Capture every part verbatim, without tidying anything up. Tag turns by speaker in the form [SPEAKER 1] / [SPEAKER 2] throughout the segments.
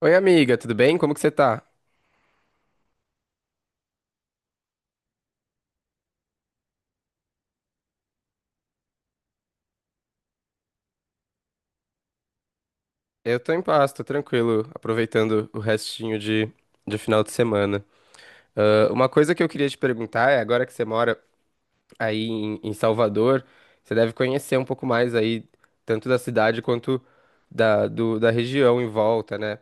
[SPEAKER 1] Oi, amiga, tudo bem? Como que você tá? Eu tô em paz, tô tranquilo, aproveitando o restinho de, de final de semana. Ah, uma coisa que eu queria te perguntar é, agora que você mora aí em, em Salvador, você deve conhecer um pouco mais aí, tanto da cidade quanto da, do- da região em volta, né?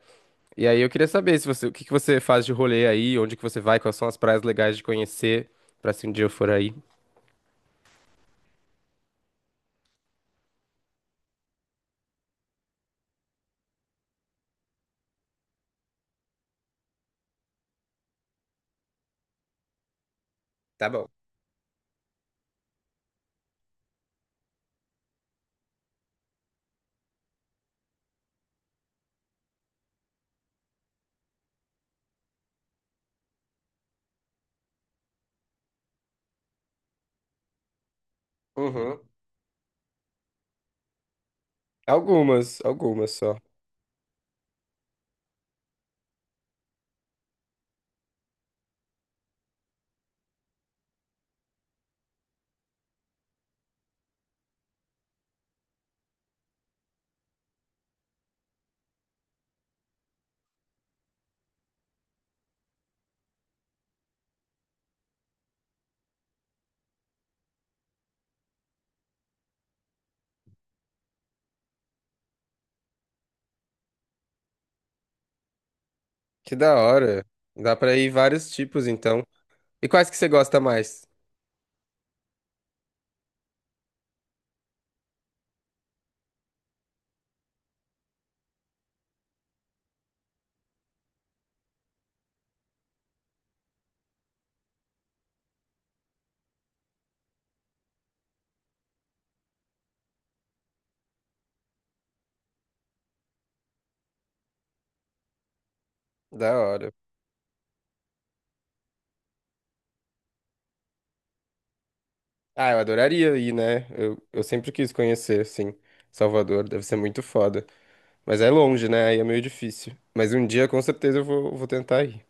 [SPEAKER 1] E aí eu queria saber se você, o que que você faz de rolê aí, onde que você vai, quais são as praias legais de conhecer, pra se um dia eu for aí. Tá bom. Uhum. Algumas, algumas só. Que da hora. Dá pra ir vários tipos, então. E quais que você gosta mais? Da hora. Ah, eu adoraria ir, né? Eu, eu sempre quis conhecer, assim, Salvador. Deve ser muito foda. Mas é longe, né? Aí é meio difícil. Mas um dia, com certeza, eu vou, vou tentar ir.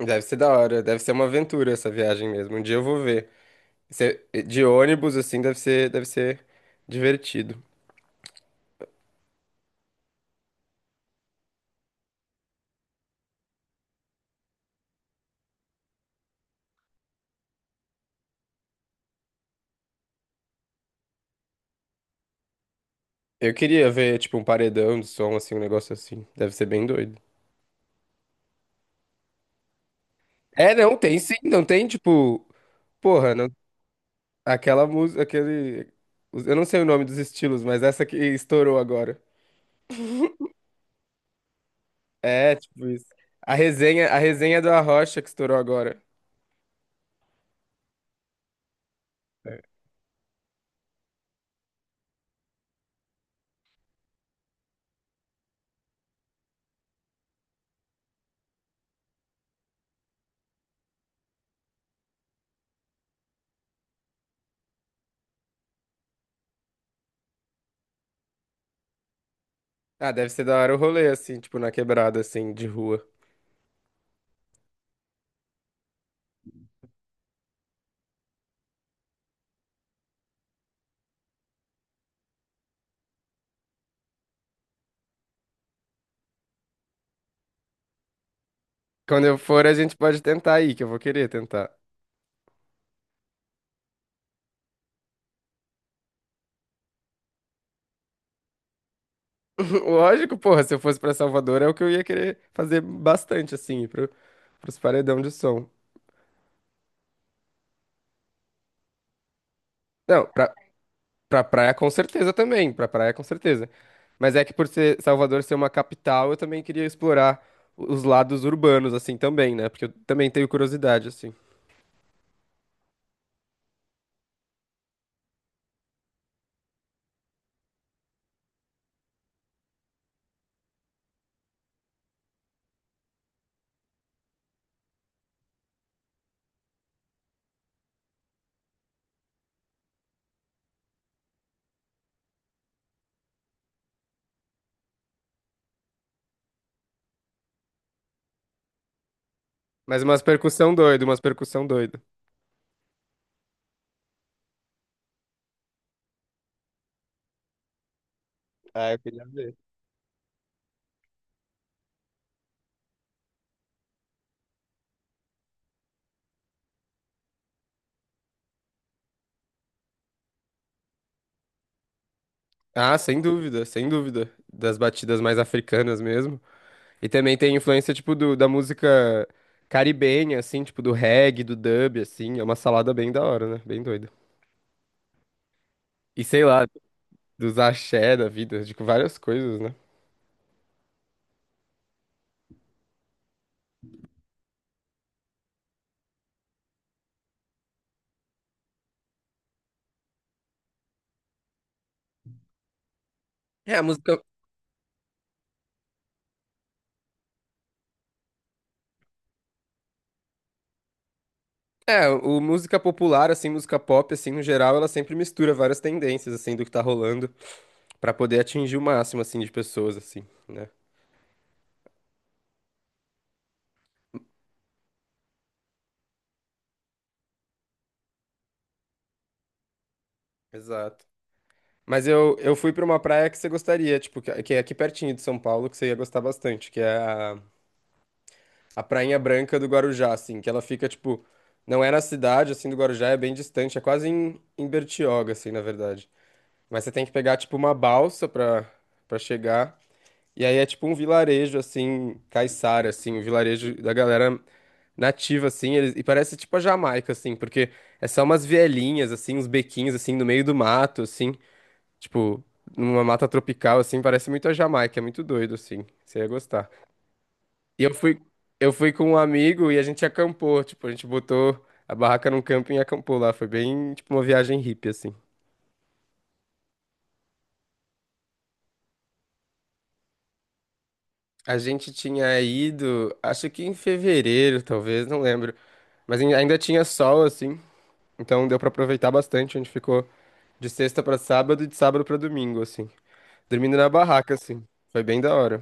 [SPEAKER 1] Deve ser da hora. Deve ser uma aventura essa viagem mesmo. Um dia eu vou ver. Se- De ônibus, assim, deve ser, deve ser divertido. Eu queria ver, tipo, um paredão de som, assim, um negócio assim. Deve ser bem doido. É, não, tem sim. Não tem, tipo... Porra, não. Aquela música, aquele. Os- Eu não sei o nome dos estilos, mas essa que estourou agora. É, tipo isso. A resenha, a resenha do Arrocha que estourou agora. Ah, deve ser da hora o rolê, assim, tipo, na quebrada, assim, de rua. Quando eu for, a gente pode tentar ir, que eu vou querer tentar. Lógico, porra, se eu fosse pra Salvador, é o que eu ia querer fazer bastante, assim, pro, pros paredão de som. Não, pra praia, com certeza também. Pra praia, com certeza. Mas é que por ser Salvador ser uma capital, eu também queria explorar os lados urbanos, assim, também, né? Porque eu também tenho curiosidade, assim. Mas umas percussão doida umas percussão doida ah, eu queria ver. Ah, sem dúvida, sem dúvida. Das batidas mais africanas mesmo. E também tem influência, tipo, do, da música caribenha, assim, tipo, do reggae, do dub, assim. É uma salada bem da hora, né? Bem doida. E sei lá, dos axé da vida, tipo, várias coisas, né? É, a música. É, o música popular, assim, música pop, assim, no geral, ela sempre mistura várias tendências, assim, do que tá rolando, pra poder atingir o máximo, assim, de pessoas, assim, né? Exato. Mas eu, eu fui pra uma praia que você gostaria, tipo, que que é aqui pertinho de São Paulo, que você ia gostar bastante, que é a, a Prainha Branca do Guarujá, assim, que ela fica, tipo, não é na cidade, assim, do Guarujá, é bem distante, é quase em, em Bertioga, assim, na verdade. Mas você tem que pegar, tipo, uma balsa pra, pra chegar. E aí é tipo um vilarejo, assim, caiçara, assim, um vilarejo da galera nativa, assim, eles- e parece tipo a Jamaica, assim, porque é só umas vielinhas, assim, uns bequinhos, assim, no meio do mato, assim, tipo, numa mata tropical, assim, parece muito a Jamaica, é muito doido, assim, você ia gostar. E eu fui, eu fui com um amigo e a gente acampou, tipo, a gente botou a barraca num camping e acampou lá, foi bem, tipo, uma viagem hippie, assim. A gente tinha ido, acho que em fevereiro, talvez, não lembro, mas ai- ainda tinha sol, assim, então deu pra aproveitar bastante. A gente ficou de sexta pra sábado e de sábado pra domingo, assim. Dormindo na barraca, assim. Foi bem da hora.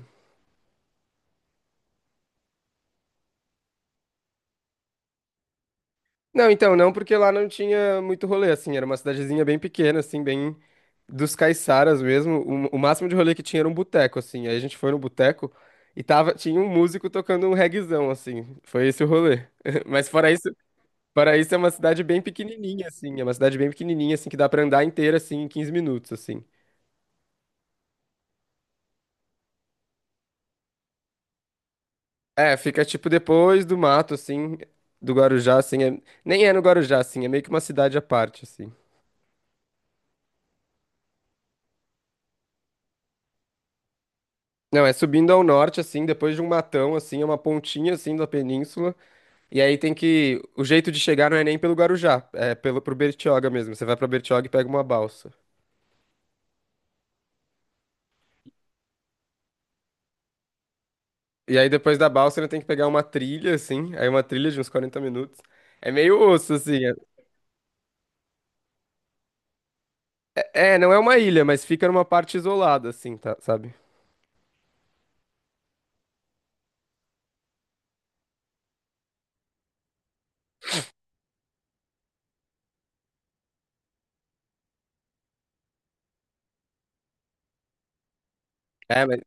[SPEAKER 1] Não, então, não porque lá não tinha muito rolê, assim. Era uma cidadezinha bem pequena, assim, bem dos caiçaras mesmo. O, o máximo de rolê que tinha era um boteco, assim. Aí a gente foi no boteco e tava, tinha um músico tocando um reguezão, assim. Foi esse o rolê. Mas fora isso, fora isso é uma cidade bem pequenininha, assim. É uma cidade bem pequenininha, assim, que dá pra andar inteira, assim, em quinze minutos, assim. É, fica tipo depois do mato, assim, do Guarujá, assim. É- Nem é no Guarujá, assim, é meio que uma cidade à parte, assim. Não, é subindo ao norte, assim, depois de um matão, assim, é uma pontinha, assim, da península. E aí tem que. O jeito de chegar não é nem pelo Guarujá, é pelo, pro Bertioga mesmo. Você vai pra Bertioga e pega uma balsa. E aí depois da balsa ainda tem que pegar uma trilha, assim. Aí uma trilha de uns quarenta minutos. É meio osso, assim. É, é, não é uma ilha, mas fica numa parte isolada, assim, tá, sabe? É, mas.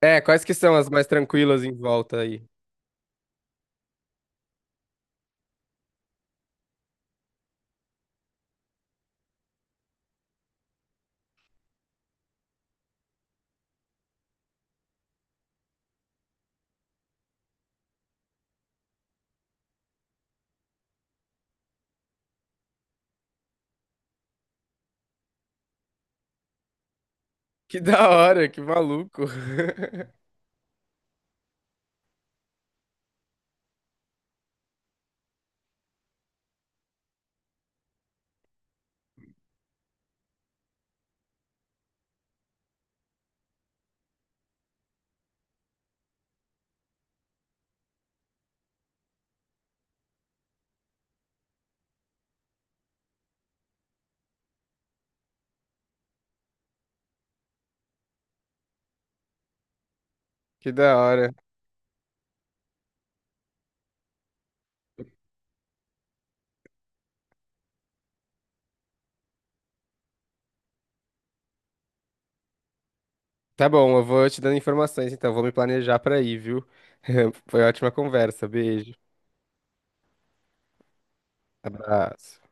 [SPEAKER 1] É, quais que são as mais tranquilas em volta aí? Que da hora, que maluco. Que da hora. Tá bom, eu vou te dando informações, então. Vou me planejar pra ir, viu? Foi ótima conversa. Beijo. Abraço.